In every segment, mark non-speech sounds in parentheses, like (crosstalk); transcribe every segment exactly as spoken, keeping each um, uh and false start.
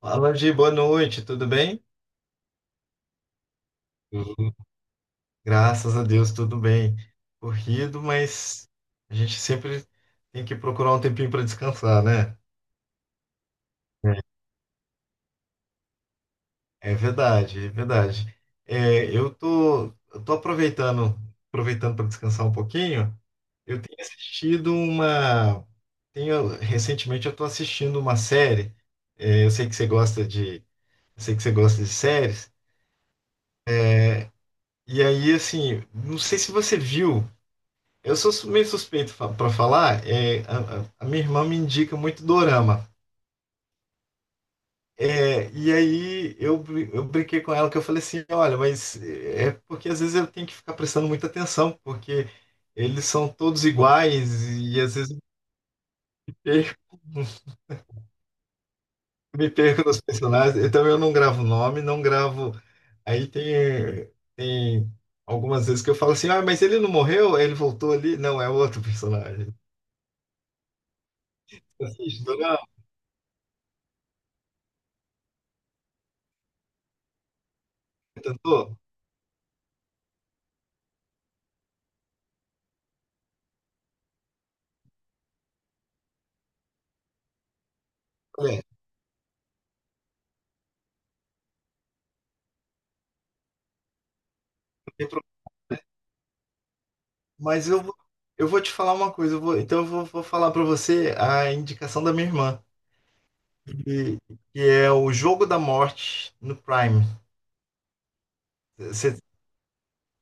Fala, Gi, boa noite, tudo bem? Uhum. Graças a Deus, tudo bem. Corrido, mas a gente sempre tem que procurar um tempinho para descansar, né? É. É verdade, é verdade. É, eu tô, eu tô aproveitando, aproveitando para descansar um pouquinho. Eu tenho assistido uma, tenho, Recentemente eu tô assistindo uma série. É, eu sei que você gosta de, eu sei que você gosta de séries. E aí, assim, não sei se você viu. Eu sou meio suspeito para falar, é, a, a- a minha irmã me indica muito dorama. É, e aí eu, br- eu brinquei com ela que eu falei assim, olha, mas é é porque às vezes eu tenho que ficar prestando muita atenção, porque eles são todos iguais e às vezes eu me perco, (laughs) me perco nos personagens. Então eu não gravo nome, não gravo. Aí tem, tem algumas vezes que eu falo assim, ah, mas ele não morreu? Ele voltou ali? Não, é outro personagem. Assiste, dorama, tentou? Olha, não tem. Mas eu, vou- eu vou te falar uma coisa, eu vou- então eu vou, vou falar pra você a indicação da minha irmã, que, que é o Jogo da Morte no Prime. Você-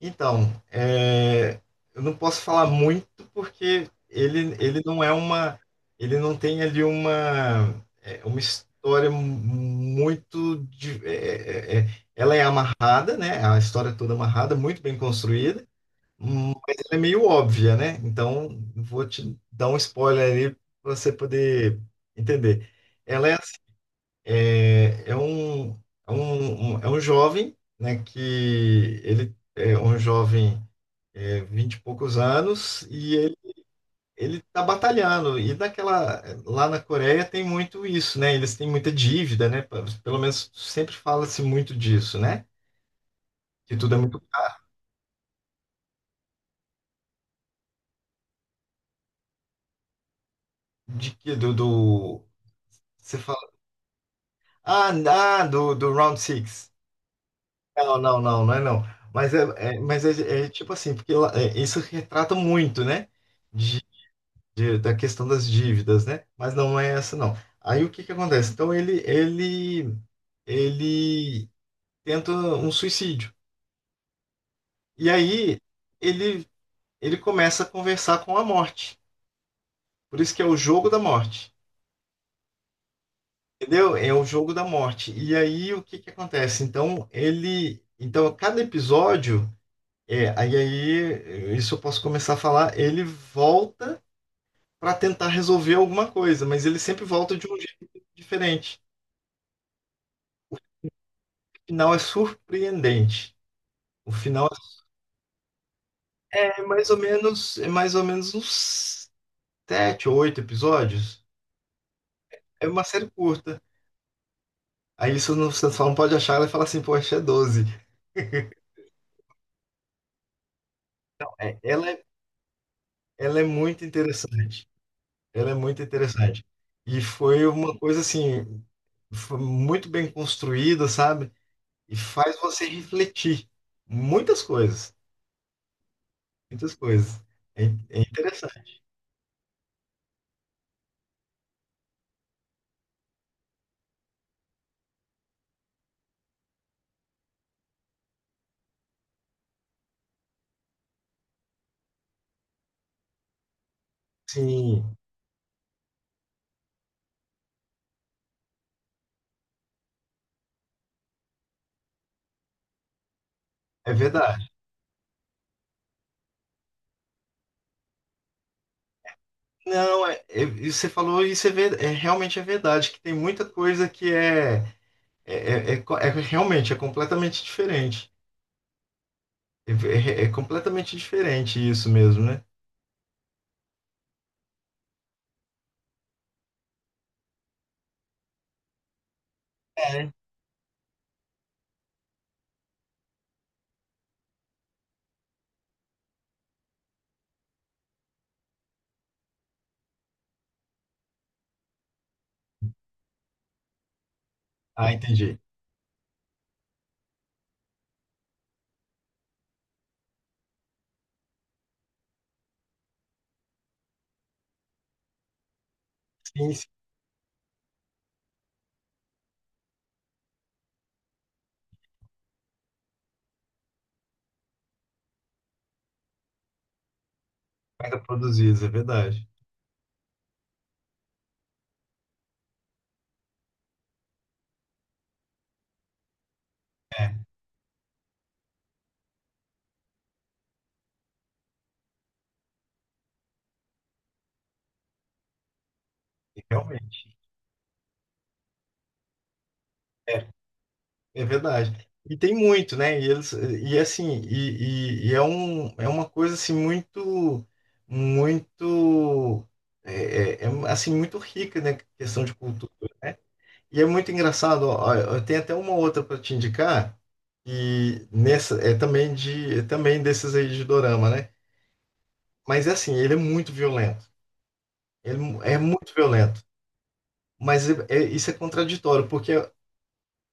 então, é, eu não posso falar muito porque ele, ele não é uma, ele não tem ali uma, é, uma história muito, de- é, é, é, ela é amarrada, né? A história é toda amarrada, muito bem construída. É meio óbvia, né? Então, vou te dar um spoiler ali para você poder entender. Ela é, assim, é, é um, é um, um- é um jovem, né? Que ele é um jovem, é, vinte e poucos anos, e ele, ele tá batalhando. E naquela, lá na Coreia tem muito isso, né? Eles têm muita dívida, né? Pelo menos sempre fala-se muito disso, né? Que tudo é muito caro. De que do, do- você fala, ah, ah, do, do Round six. Não, não, não, não é não. Mas é, é- mas é, é tipo assim, porque lá- é, isso retrata muito, né? De, de- da questão das dívidas, né? Mas não é essa, não. Aí o que que acontece? Então ele, ele, ele tenta um suicídio. E aí ele, ele começa a conversar com a morte. Por isso que é o jogo da morte. Entendeu? É o jogo da morte. E aí o que que acontece? Então ele, então cada episódio. É, aí, aí, isso eu posso começar a falar. Ele volta para tentar resolver alguma coisa, mas ele sempre volta de um jeito diferente. O final é surpreendente. O final é mais ou menos, é mais ou menos uns sete ou oito episódios. É uma série curta. Aí isso não- você só não pode achar ela e falar assim, poxa, é doze. É, ela, é- Ela é muito interessante. Ela é muito interessante. E foi uma coisa assim, foi muito bem construída, sabe? E faz você refletir muitas coisas, muitas coisas. É, in- é interessante. Sim, é verdade. Não, é, é- e você falou isso. É, ver- é realmente é verdade, que tem muita coisa que é, é, é, é co- é realmente é completamente diferente. É, é- é completamente diferente isso mesmo, né? É. Ah, entendi. Sim, sim, mega produzidos, é verdade. É, realmente. É, é verdade. E tem muito, né? E eles e assim, e, e- e é um é uma coisa assim muito muito é, é- é, assim muito rica, né? Questão de cultura, né? E é muito engraçado, ó, eu tenho até uma outra para te indicar e nessa é também de é também desses aí de dorama, né? Mas é assim, ele é muito violento. Ele é muito violento. Mas é- é- isso é contraditório, porque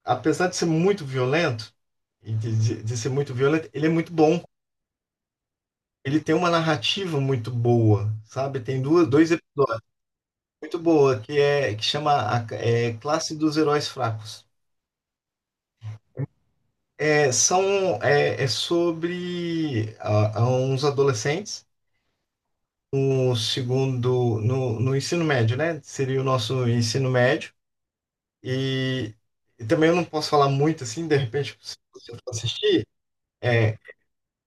apesar de ser muito violento, e de, de- ser muito violento, ele é muito bom. Ele tem uma narrativa muito boa, sabe? Tem duas, dois episódios muito boa que é que chama a, é, Classe dos Heróis Fracos. É, são é, é sobre ah, uns adolescentes no segundo no, no ensino médio, né? Seria o nosso ensino médio e, e também eu não posso falar muito assim, de repente se você for assistir, é,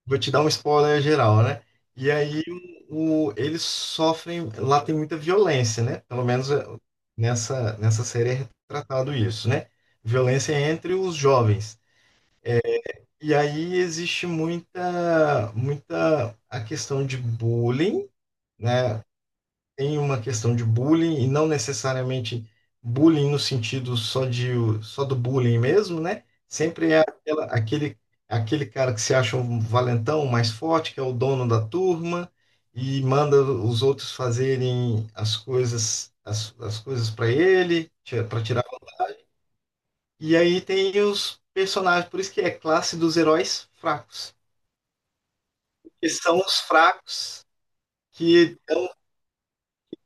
vou te dar um spoiler geral, né? E aí o, o- eles sofrem, lá tem muita violência, né? Pelo menos eh, nessa, nessa série é retratado isso, né? Violência entre os jovens. E aí existe muita, muita a questão de bullying, né? Tem uma questão de bullying e não necessariamente bullying no sentido só de só do bullying mesmo, né? Sempre é aquela- aquele aquele cara que se acha um valentão, um mais forte, que é o dono da turma e manda os outros fazerem as coisas as, as coisas para ele, para tirar. E aí tem os personagens, por isso que é classe dos heróis fracos, que são os fracos que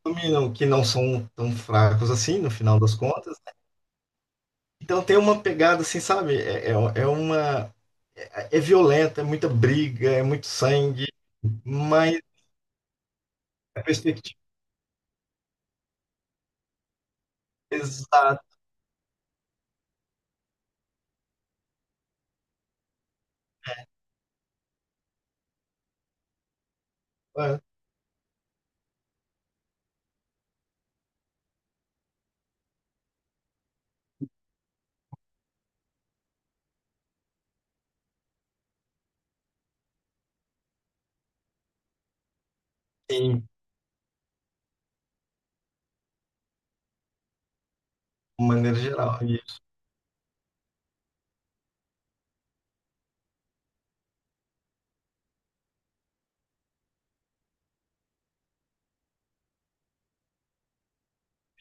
dominam, que não são tão fracos assim, no final das contas. Então tem uma pegada assim, sabe? É, é, é uma. É violenta, é muita briga, é muito sangue, mas a perspectiva é exata, sim, de maneira geral. E,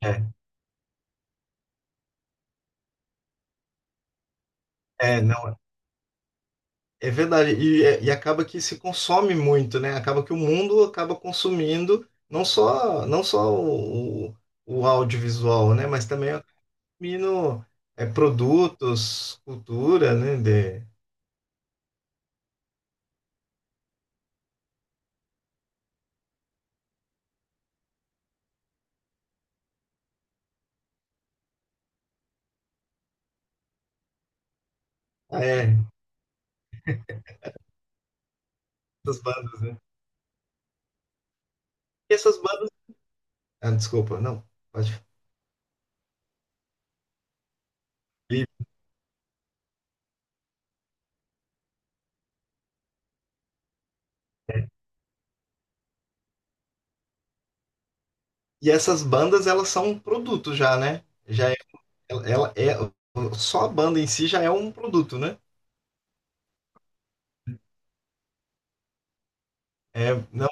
é, é, não, é verdade. E, é- e acaba que se consome muito, né? Acaba que o mundo acaba consumindo não só, não só o, o audiovisual, né? Mas também consumindo é, produtos, cultura, né? De, ah, é, essas bandas, né? E essas bandas. Ah, desculpa, não. Pode. E E essas bandas, elas são um produto já, né? Já é, ela é, só a banda em si já é um produto, né? É, não,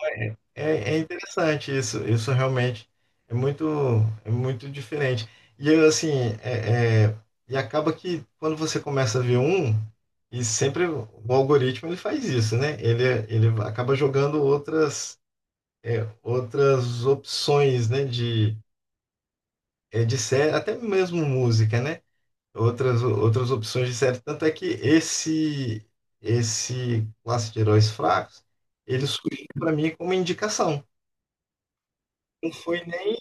é, é interessante isso, isso realmente é muito, é muito diferente. E eu, assim, é, é, e acaba que quando você começa a ver um, e sempre o algoritmo ele faz isso, né? Ele, ele acaba jogando outras, é, outras opções, né? De, é, de série, até mesmo música, né? Outras, outras opções de série. Tanto é que esse, esse classe de heróis fracos, ele surgiu para mim como indicação. Não Foi nem,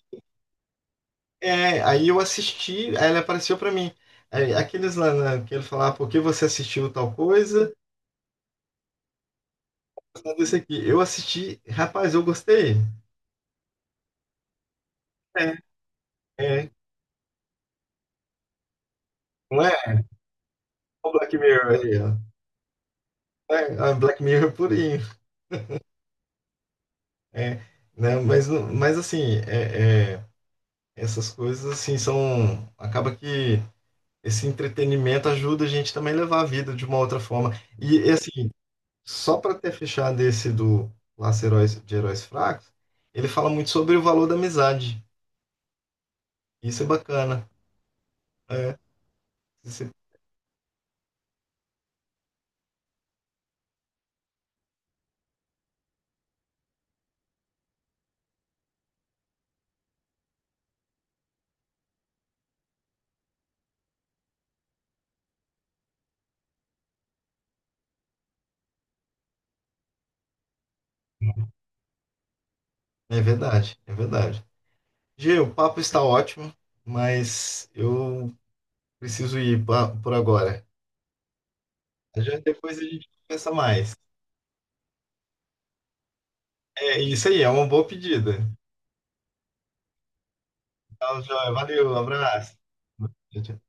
é, aí eu assisti, aí ele apareceu para mim. Aí, aqueles lá né, que ele falava, "Ah, por que você assistiu tal coisa? Esse aqui, eu assisti, rapaz, eu gostei." É, é, não é o Black Mirror aí, ó. Não. É, é Black Mirror purinho. É, né, mas, não- mas assim, é, é, essas coisas assim são. Acaba que esse entretenimento ajuda a gente também a levar a vida de uma outra forma. E e, assim, só para ter fechado esse do Laço Heróis de Heróis Fracos, ele fala muito sobre o valor da amizade. Isso é bacana. É, isso é é verdade, é verdade. Gê, o papo está ótimo, mas eu preciso ir pa- por agora. Já depois a gente conversa mais. É isso aí, é uma boa pedida. Tchau, joia. Valeu, abraço. Tchau, tchau.